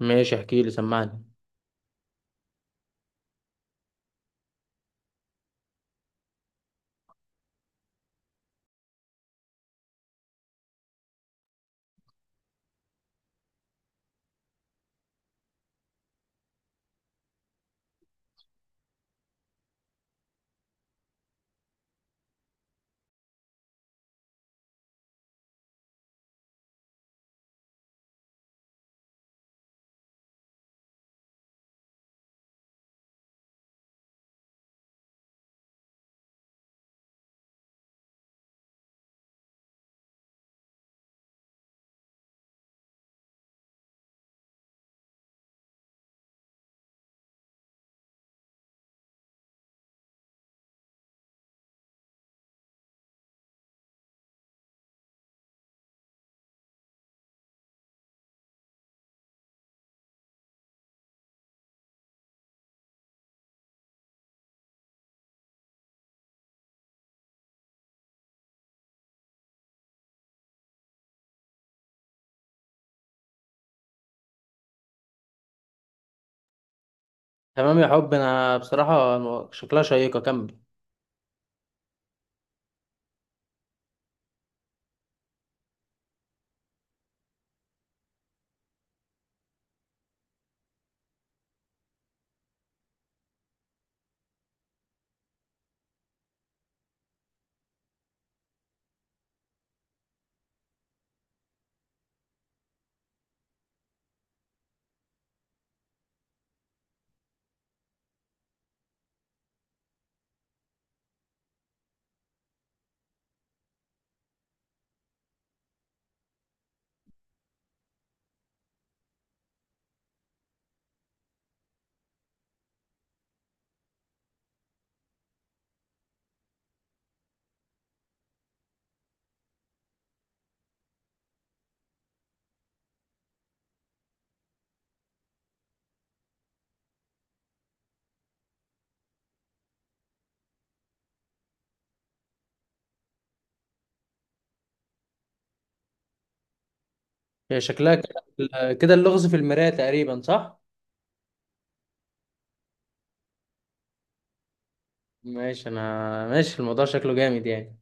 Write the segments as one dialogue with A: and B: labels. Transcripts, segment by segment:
A: ماشي، احكي لي، سمعني. تمام يا حب، انا بصراحة شكلها شيقة، كمل. هي شكلها كده كده اللغز في المراية تقريبا، صح؟ ماشي، انا الموضوع شكله جامد يعني.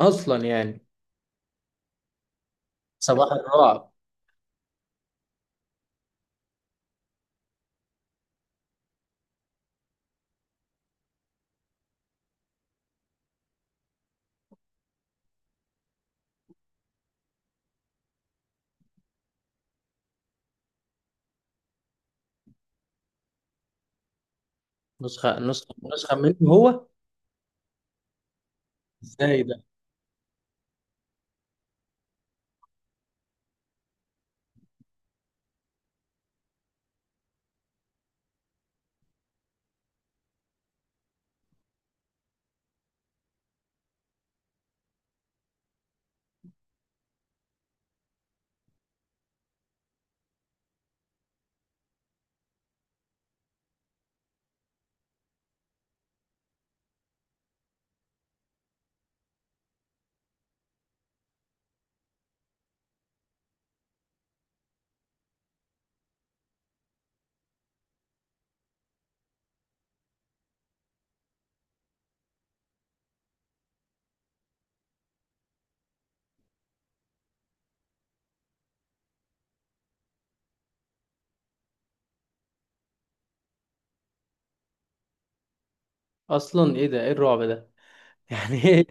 A: اصلا يعني صباح الرعب. نسخة نسخة منه هو؟ ازاي ده؟ اصلا ايه ده؟ ايه الرعب ده يعني؟ ايه؟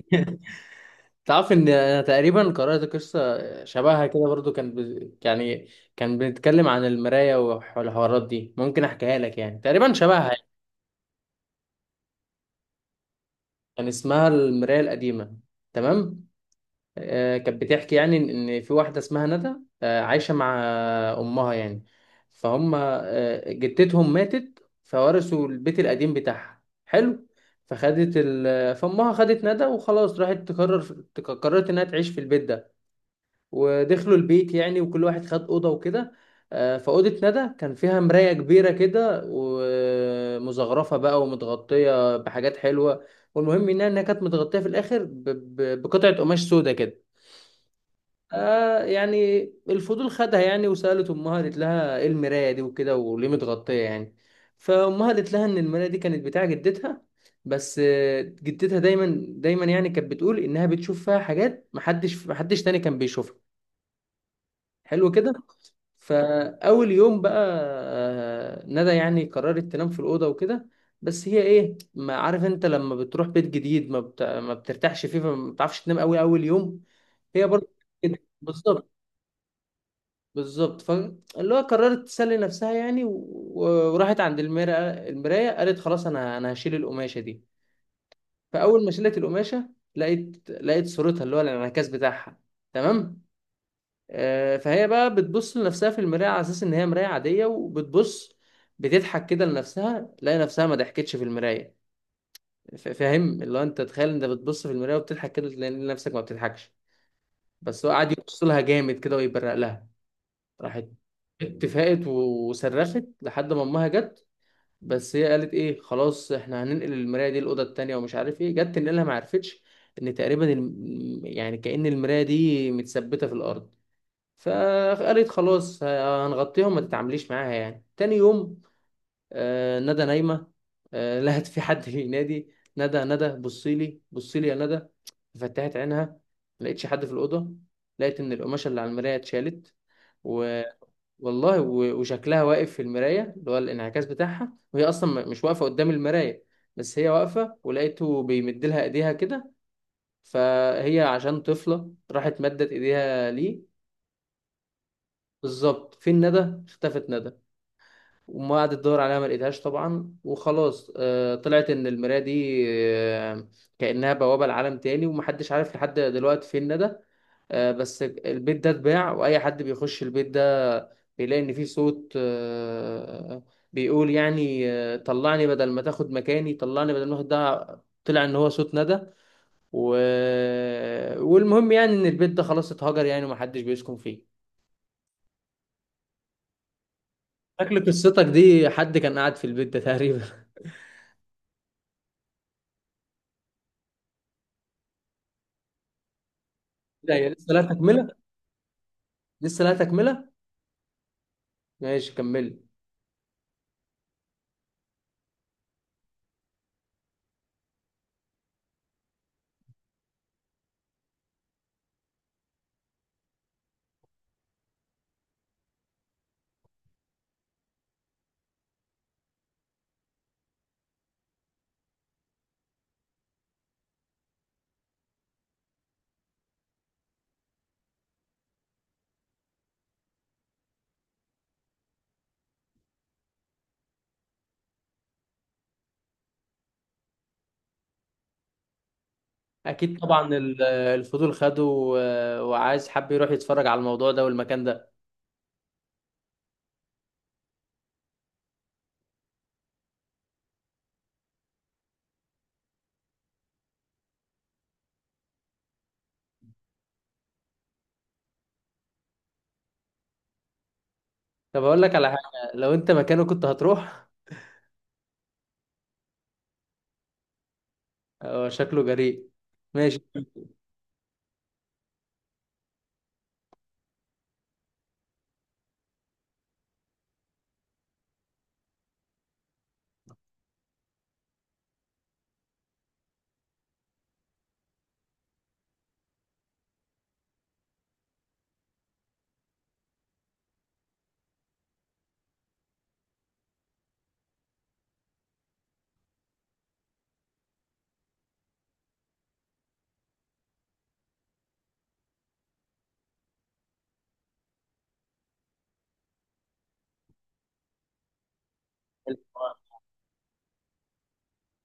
A: تعرف ان انا تقريبا قرأت قصة شبهها كده برضو، يعني كان بنتكلم عن المراية والحوارات دي، ممكن احكيها لك، يعني تقريبا شبهها. كان اسمها المراية القديمة. تمام. آه، كانت بتحكي يعني إن في واحدة اسمها ندى، آه، عايشة مع أمها يعني، فهم آه، جدتهم ماتت فورثوا البيت القديم بتاعها. حلو. فأمها خدت ندى وخلاص، راحت تقرر، قررت إنها تعيش في البيت ده. ودخلوا البيت يعني، وكل واحد خد اوضه وكده. فاوضه ندى كان فيها مرايه كبيره كده، ومزخرفه بقى، ومتغطيه بحاجات حلوه. والمهم انها إنها كانت متغطيه في الاخر بقطعه قماش سودا كده. يعني الفضول خدها يعني، وسالت امها، قالت لها ايه المرايه دي وكده، وليه متغطيه يعني. فامها قالت لها ان المرايه دي كانت بتاع جدتها، بس جدتها دايما يعني كانت بتقول انها بتشوف فيها حاجات محدش تاني كان بيشوفها. حلو كده. فاول يوم بقى، ندى يعني قررت تنام في الاوضه وكده. بس هي ايه، ما عارف انت لما بتروح بيت جديد ما بترتاحش فيه، فما بتعرفش تنام قوي اول يوم. هي برضه كده بالظبط. بالظبط. فاللي هو قررت تسلي نفسها يعني وراحت عند المرايه، المرايه قالت خلاص، انا هشيل القماشه دي. فاول ما شلت القماشه، لقيت صورتها اللي هو الانعكاس بتاعها. تمام. آه، فهي بقى بتبص لنفسها في المراية على أساس إن هي مراية عادية، وبتبص بتضحك كده لنفسها، تلاقي نفسها ما ضحكتش في المراية. فاهم؟ اللي هو أنت تخيل أنت بتبص في المراية وبتضحك كده، تلاقي نفسك ما بتضحكش، بس هو قعد يبص لها جامد كده ويبرق لها. راحت اتفقت وصرخت لحد ما أمها جت. بس هي قالت إيه، خلاص إحنا هننقل المراية دي الأوضة التانية ومش عارف إيه، جت تنقلها ما عرفتش، إن تقريبا يعني كأن المراية دي متثبتة في الأرض. فقالت خلاص هنغطيهم، ما تتعامليش معاها يعني. تاني يوم، آه، ندى نايمة، لقت في حد بينادي ندى ندى، بصي لي بصي لي يا ندى. فتحت عينها، ما لقيتش حد في الأوضة، لقيت إن القماشة اللي على المراية اتشالت و... والله وشكلها واقف في المراية اللي هو الانعكاس بتاعها، وهي أصلا مش واقفة قدام المراية. بس هي واقفة، ولقيته بيمد لها إيديها كده. فهي عشان طفلة راحت مدت إيديها ليه. بالظبط. فين ندى؟ اختفت ندى. وما قعدت تدور عليها، ما لقيتهاش طبعا. وخلاص، طلعت ان المرايه دي كانها بوابه لعالم تاني، ومحدش عارف لحد دلوقتي فين ندى. بس البيت ده اتباع، واي حد بيخش البيت ده بيلاقي ان فيه صوت، بيقول يعني طلعني بدل ما تاخد مكاني، طلعني بدل ما تاخد. ده طلع ان هو صوت ندى و... والمهم يعني ان البيت ده خلاص اتهجر يعني، ومحدش بيسكن فيه. شكل قصتك دي حد كان قاعد في البيت ده تقريبا. لا، هي لسه، لا تكملة. لسه، لا تكملة. ماشي، كمل. أكيد طبعا الفضول خده، وعايز حب يروح يتفرج على الموضوع ده والمكان ده. طب أقول لك على حاجة، لو أنت مكانه كنت هتروح؟ هو شكله جريء. ماشي.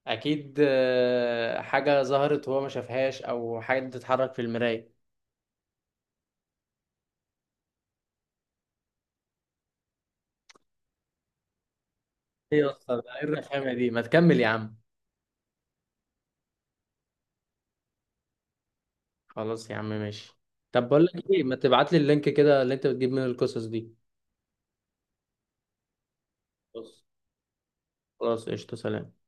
A: أكيد آه، حاجة ظهرت وهو ما شافهاش، أو حاجة بتتحرك في المراية. إيه أصلا، إيه الرخامة دي؟ ما تكمل يا عم. خلاص يا عم، ماشي. طب بقول لك إيه، ما تبعت لي اللينك كده اللي أنت بتجيب منه القصص دي. بص. خلاص، قشطة، سلام.